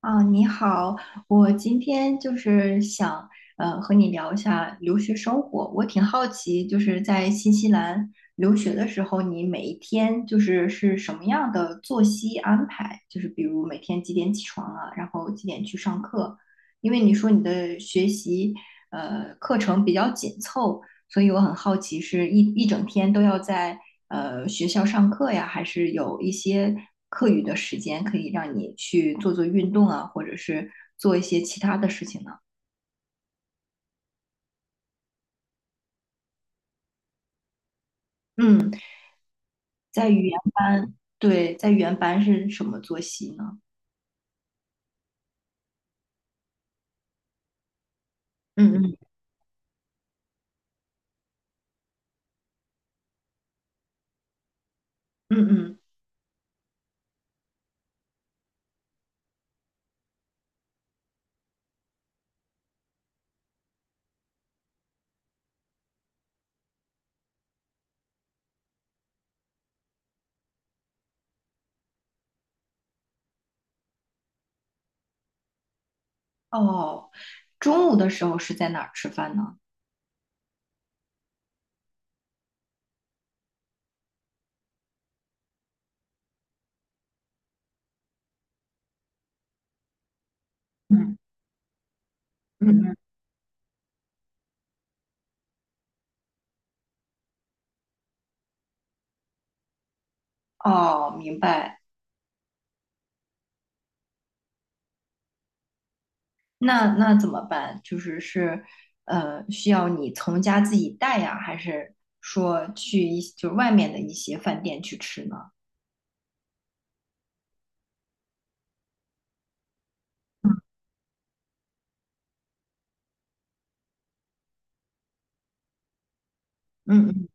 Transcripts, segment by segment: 啊，你好，我今天就是想和你聊一下留学生活。我挺好奇，就是在新西兰留学的时候，你每一天就是什么样的作息安排？就是比如每天几点起床啊，然后几点去上课？因为你说你的学习课程比较紧凑，所以我很好奇，是一整天都要在学校上课呀，还是有一些课余的时间可以让你去做做运动啊，或者是做一些其他的事情呢？嗯，在语言班，对，在语言班是什么作息呢？嗯嗯嗯嗯。哦，中午的时候是在哪儿吃饭呢？嗯嗯嗯。哦，明白。那怎么办？就是是，需要你从家自己带呀，还是说就是外面的一些饭店去吃呢？嗯嗯。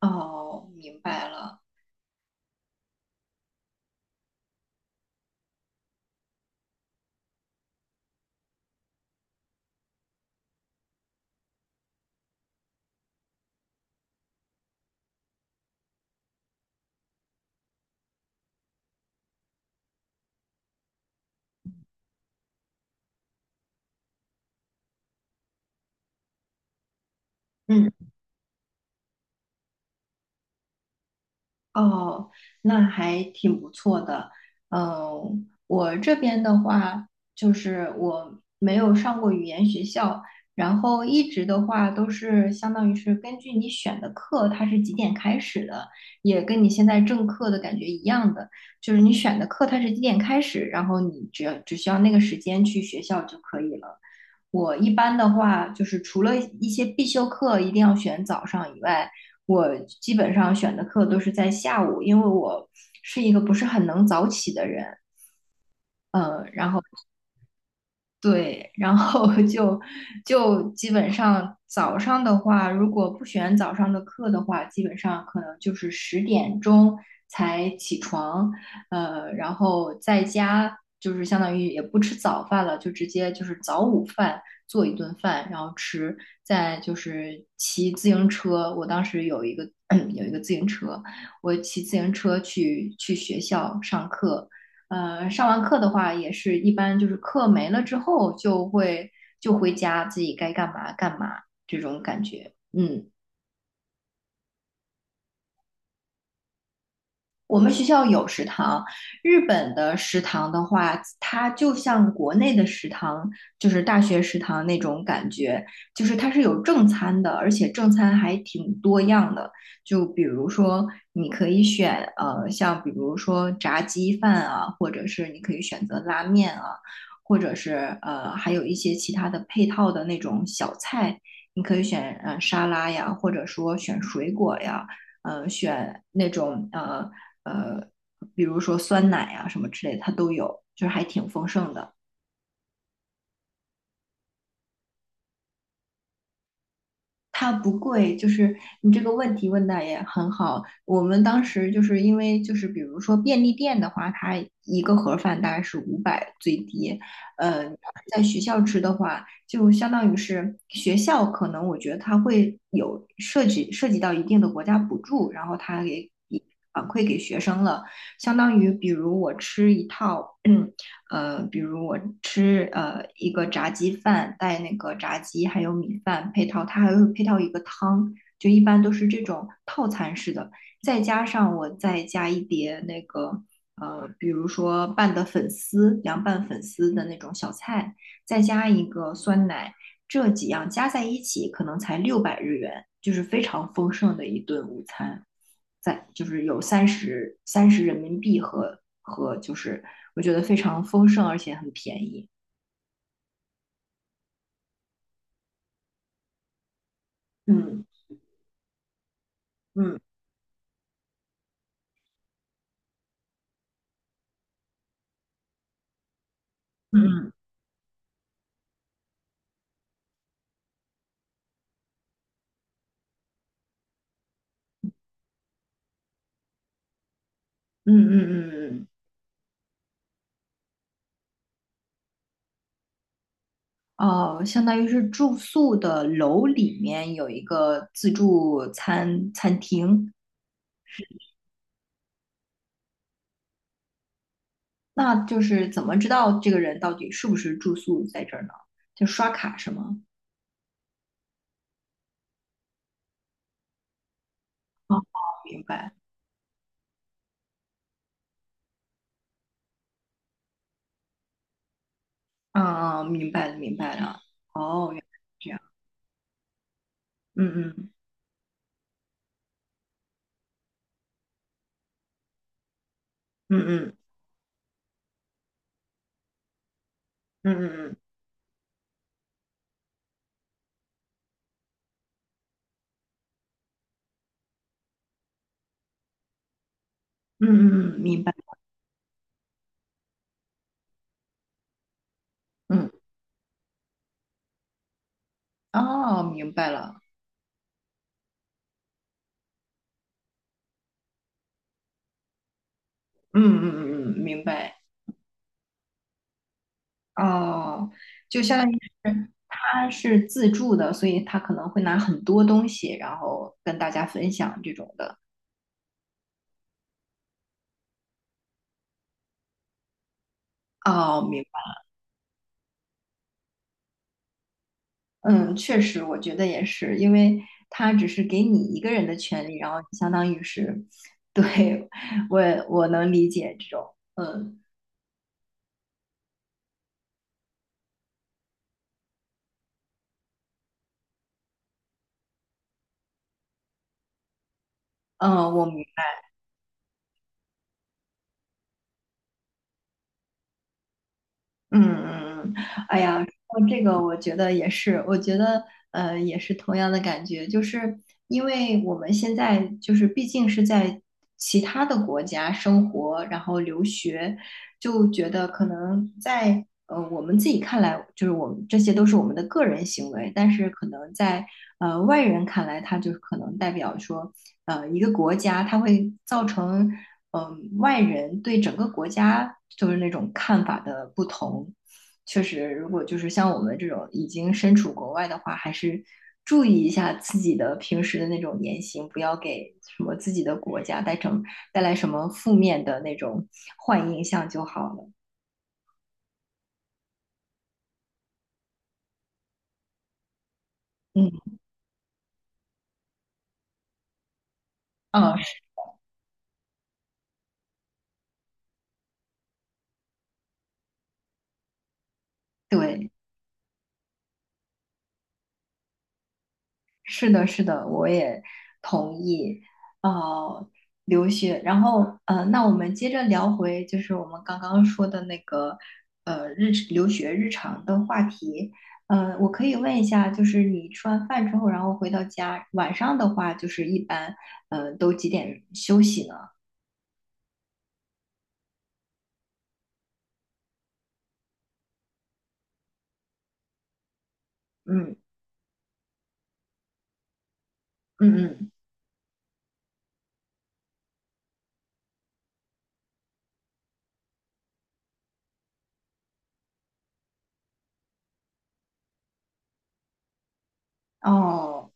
哦，明白了。嗯。哦，那还挺不错的。嗯，我这边的话，就是我没有上过语言学校，然后一直的话都是相当于是根据你选的课，它是几点开始的，也跟你现在正课的感觉一样的，就是你选的课它是几点开始，然后你只需要那个时间去学校就可以了。我一般的话，就是除了一些必修课一定要选早上以外，我基本上选的课都是在下午，因为我是一个不是很能早起的人。嗯，然后对，然后 就基本上早上的话，如果不选早上的课的话，基本上可能就是10点钟才起床。然后在家就是相当于也不吃早饭了，就直接就是早午饭做一顿饭，然后吃，再就是骑自行车。我当时有一个 有一个自行车，我骑自行车去学校上课。上完课的话，也是一般就是课没了之后就回家，自己该干嘛干嘛这种感觉。嗯。我们学校有食堂，日本的食堂的话，它就像国内的食堂，就是大学食堂那种感觉，就是它是有正餐的，而且正餐还挺多样的。就比如说，你可以选像比如说炸鸡饭啊，或者是你可以选择拉面啊，或者是还有一些其他的配套的那种小菜，你可以选沙拉呀，或者说选水果呀。呃选那种呃呃，比如说酸奶啊什么之类的，它都有，就是还挺丰盛的。它不贵，就是你这个问题问的也很好。我们当时就是因为就是比如说便利店的话，它一个盒饭大概是500最低。呃，在学校吃的话，就相当于是学校可能我觉得它会有涉及到一定的国家补助，然后它反馈给学生了，相当于比如我吃一套 比如我吃一个炸鸡饭，带那个炸鸡还有米饭配套，它还会配套一个汤，就一般都是这种套餐式的，再加上我再加一碟那个比如说拌的粉丝，凉拌粉丝的那种小菜。再加一个酸奶，这几样加在一起可能才600日元，就是非常丰盛的一顿午餐，就是有三十人民币，和就是我觉得非常丰盛而且很便宜。嗯嗯嗯嗯嗯嗯嗯。哦，相当于是住宿的楼里面有一个自助餐餐厅，那就是怎么知道这个人到底是不是住宿在这儿呢？就刷卡是吗？哦，明白。嗯，嗯明白了，明白了。哦，原来是这样。嗯嗯嗯嗯嗯嗯嗯嗯嗯，明白。嗯。哦，明白了。嗯嗯嗯嗯，明白。哦，就相当于是他是自助的，所以他可能会拿很多东西，然后跟大家分享这种的。哦，明白。嗯，确实，我觉得也是，因为他只是给你一个人的权利，然后相当于是，对，我我能理解这种。嗯。嗯，嗯嗯嗯，哎呀，说这个我觉得也是，我觉得也是同样的感觉，就是因为我们现在就是毕竟是在其他的国家生活，然后留学，就觉得可能在我们自己看来，就是我们这些都是我们的个人行为，但是可能在外人看来，它就可能代表说一个国家，它会造成。嗯，外人对整个国家就是那种看法的不同。确实，如果就是像我们这种已经身处国外的话，还是注意一下自己的平时的那种言行，不要给什么自己的国家带来什么负面的那种坏印象就好了。嗯，嗯，是对。是的，是的，我也同意。呃，留学，然后那我们接着聊回就是我们刚刚说的那个留学日常的话题。我可以问一下，就是你吃完饭之后，然后回到家，晚上的话，就是一般都几点休息呢？嗯嗯嗯。哦。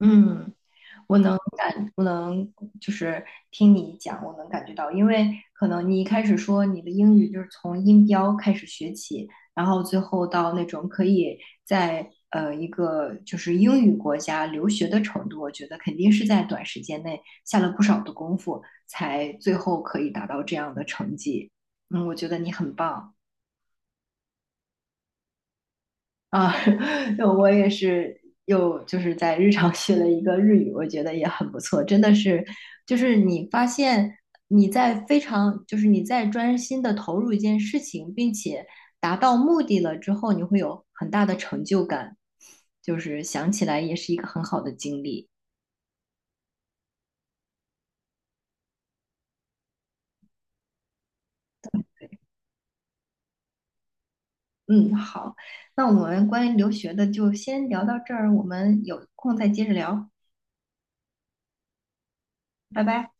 嗯，我能。不能就是听你讲，我能感觉到，因为可能你一开始说你的英语就是从音标开始学起，然后最后到那种可以在一个就是英语国家留学的程度，我觉得肯定是在短时间内下了不少的功夫，才最后可以达到这样的成绩。嗯，我觉得你很棒。啊，我也是又就是在日常学了一个日语，我觉得也很不错，真的是，就是你发现你在非常，就是你在专心的投入一件事情，并且达到目的了之后，你会有很大的成就感，就是想起来也是一个很好的经历。嗯，好，那我们关于留学的就先聊到这儿，我们有空再接着聊，拜拜。